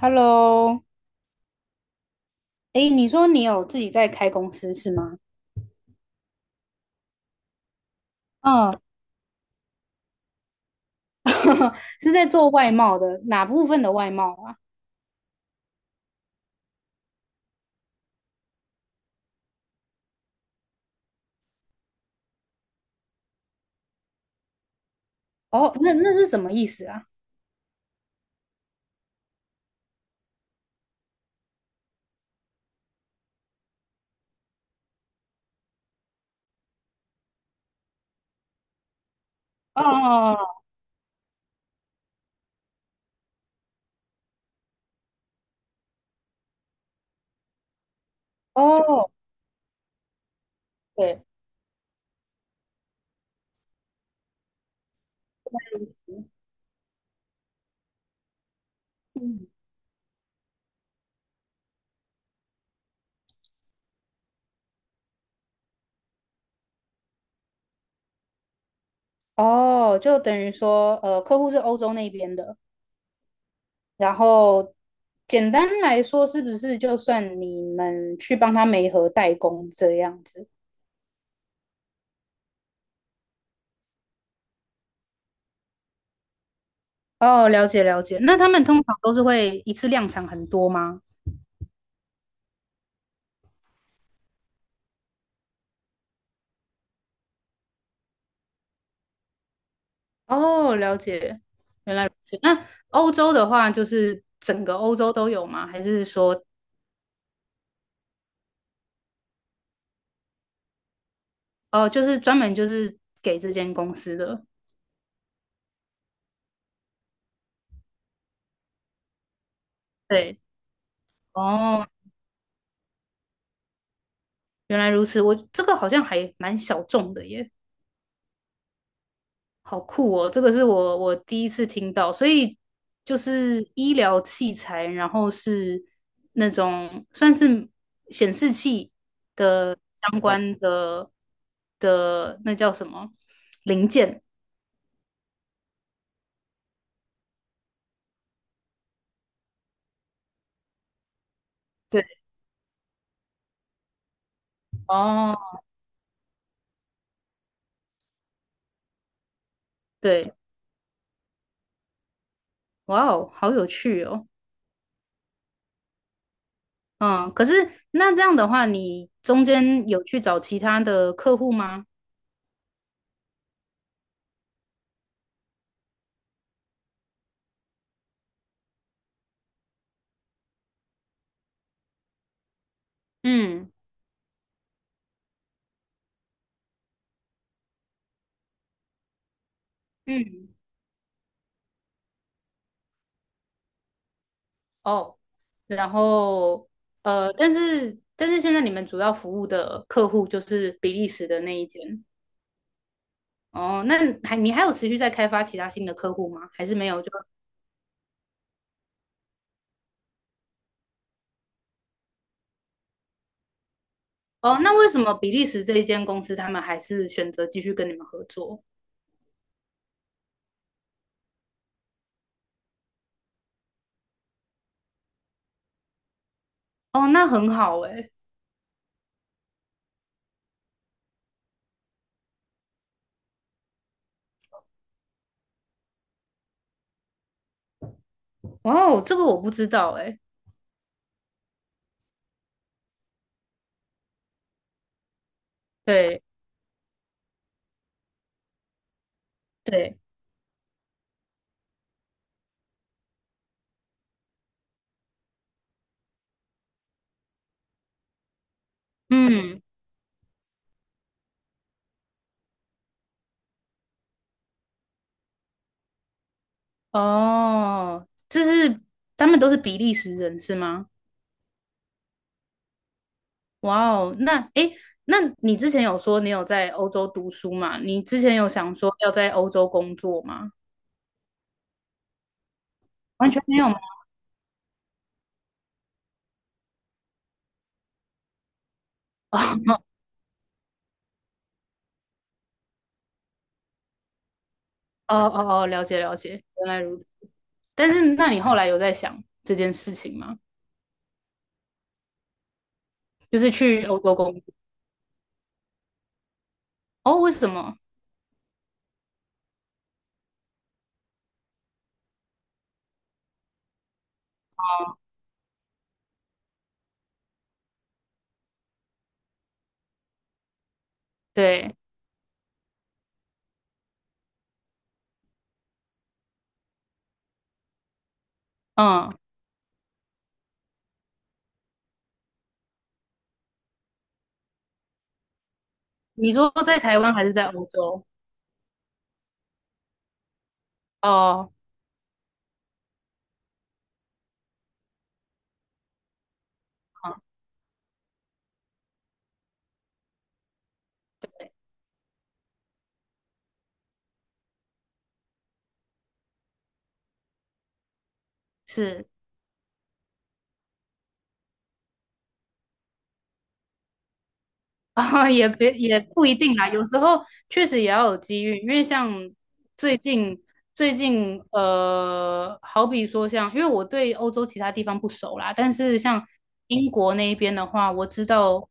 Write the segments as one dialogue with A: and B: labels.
A: Hello，诶，你说你有自己在开公司是吗？嗯，是在做外贸的，哪部分的外贸啊？哦，那是什么意思啊？哦哦，对，嗯，哦，就等于说，呃，客户是欧洲那边的，然后简单来说，是不是就算你们去帮他媒合代工这样子？哦，了解了解。那他们通常都是会一次量产很多吗？哦，了解，原来如此。那欧洲的话，就是整个欧洲都有吗？还是说，哦，就是专门就是给这间公司的？对，哦，原来如此。我这个好像还蛮小众的耶，好酷哦！这个是我第一次听到，所以就是医疗器材，然后是那种算是显示器的相关的的那叫什么零件？对，哦。对，哇哦，好有趣哦。嗯，可是那这样的话，你中间有去找其他的客户吗？嗯嗯，哦，然后呃，但是现在你们主要服务的客户就是比利时的那一间。哦，那还你还有持续在开发其他新的客户吗？还是没有就？哦，那为什么比利时这一间公司他们还是选择继续跟你们合作？哦，那很好诶。哇哦，这个我不知道诶。对对，嗯。哦，这是他们都是比利时人是吗？哇哦，那诶，那你之前有说你有在欧洲读书嘛？你之前有想说要在欧洲工作吗？完全没有吗？哦哦哦，了解了解，原来如此。但是那你后来有在想这件事情吗？就是去欧洲工作？哦，为什么？哦对，嗯，你说在台湾还是在欧洲？哦，嗯，是。啊，也别也不一定啦，有时候确实也要有机遇，因为像最近最近呃，好比说像，因为我对欧洲其他地方不熟啦，但是像英国那一边的话，我知道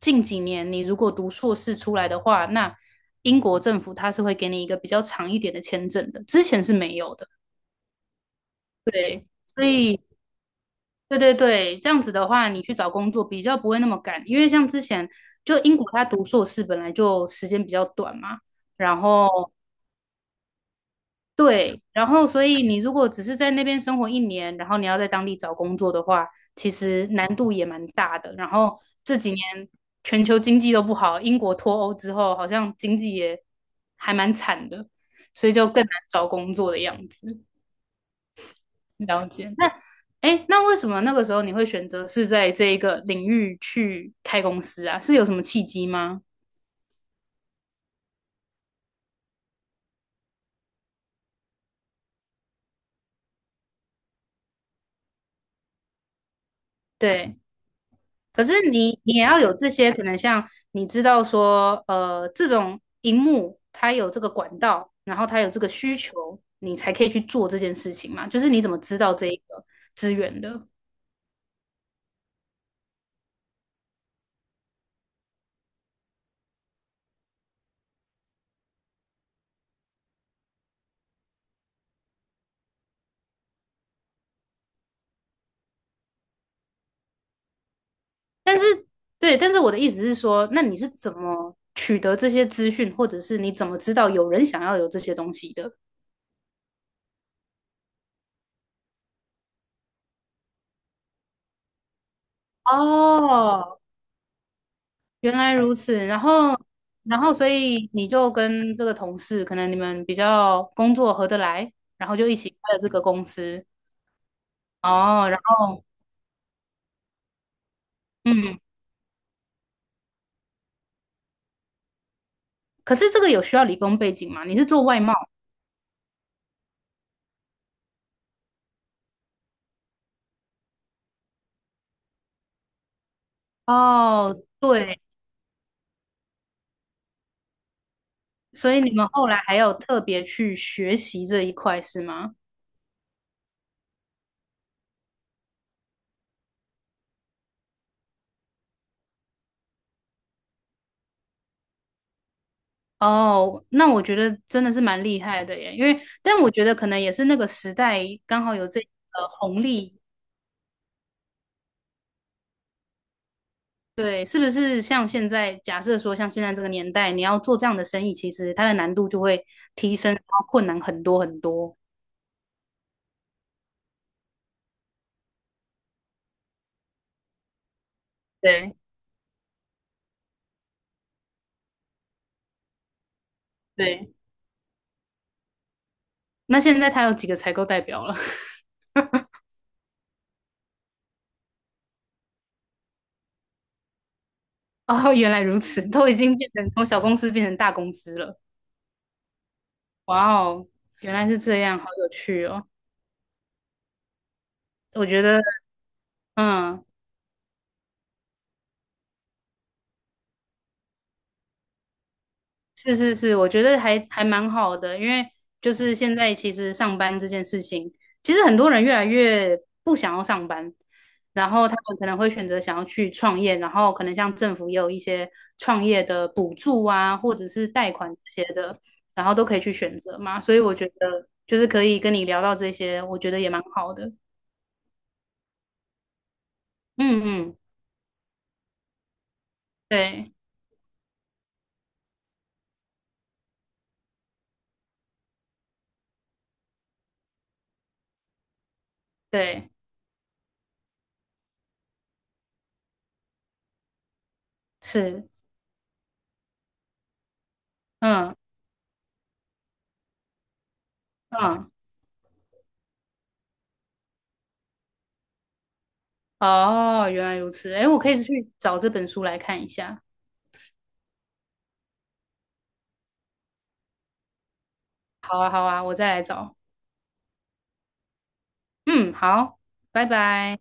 A: 近几年你如果读硕士出来的话，那英国政府它是会给你一个比较长一点的签证的，之前是没有的，对，所以。对对对，这样子的话，你去找工作比较不会那么赶，因为像之前就英国他读硕士本来就时间比较短嘛，然后对，然后所以你如果只是在那边生活一年，然后你要在当地找工作的话，其实难度也蛮大的。然后这几年全球经济都不好，英国脱欧之后好像经济也还蛮惨的，所以就更难找工作的样子。了解。那哎，那为什么那个时候你会选择是在这一个领域去开公司啊？是有什么契机吗？对，可是你也要有这些，可能像你知道说，呃，这种荧幕它有这个管道，然后它有这个需求，你才可以去做这件事情嘛。就是你怎么知道这一个资源的？但是对，但是我的意思是说，那你是怎么取得这些资讯，或者是你怎么知道有人想要有这些东西的？哦，原来如此，然后，然后，所以你就跟这个同事，可能你们比较工作合得来，然后就一起开了这个公司。哦，然后，嗯，可是这个有需要理工背景吗？你是做外贸？哦，对，所以你们后来还有特别去学习这一块是吗？哦，那我觉得真的是蛮厉害的耶，因为，但我觉得可能也是那个时代刚好有这个红利，对，是不是像现在假设说，像现在这个年代，你要做这样的生意，其实它的难度就会提升，然后困难很多很多。对对，那现在它有几个采购代表了？哦，原来如此，都已经变成从小公司变成大公司了。哇哦，原来是这样，好有趣哦！我觉得，嗯，是是是，我觉得还蛮好的，因为就是现在其实上班这件事情，其实很多人越来越不想要上班，然后他们可能会选择想要去创业，然后可能像政府也有一些创业的补助啊，或者是贷款这些的，然后都可以去选择嘛，所以我觉得就是可以跟你聊到这些，我觉得也蛮好的。嗯嗯，对对，是，嗯嗯，哦，原来如此，诶，我可以去找这本书来看一下。好啊，好啊，我再来找。嗯，好，拜拜。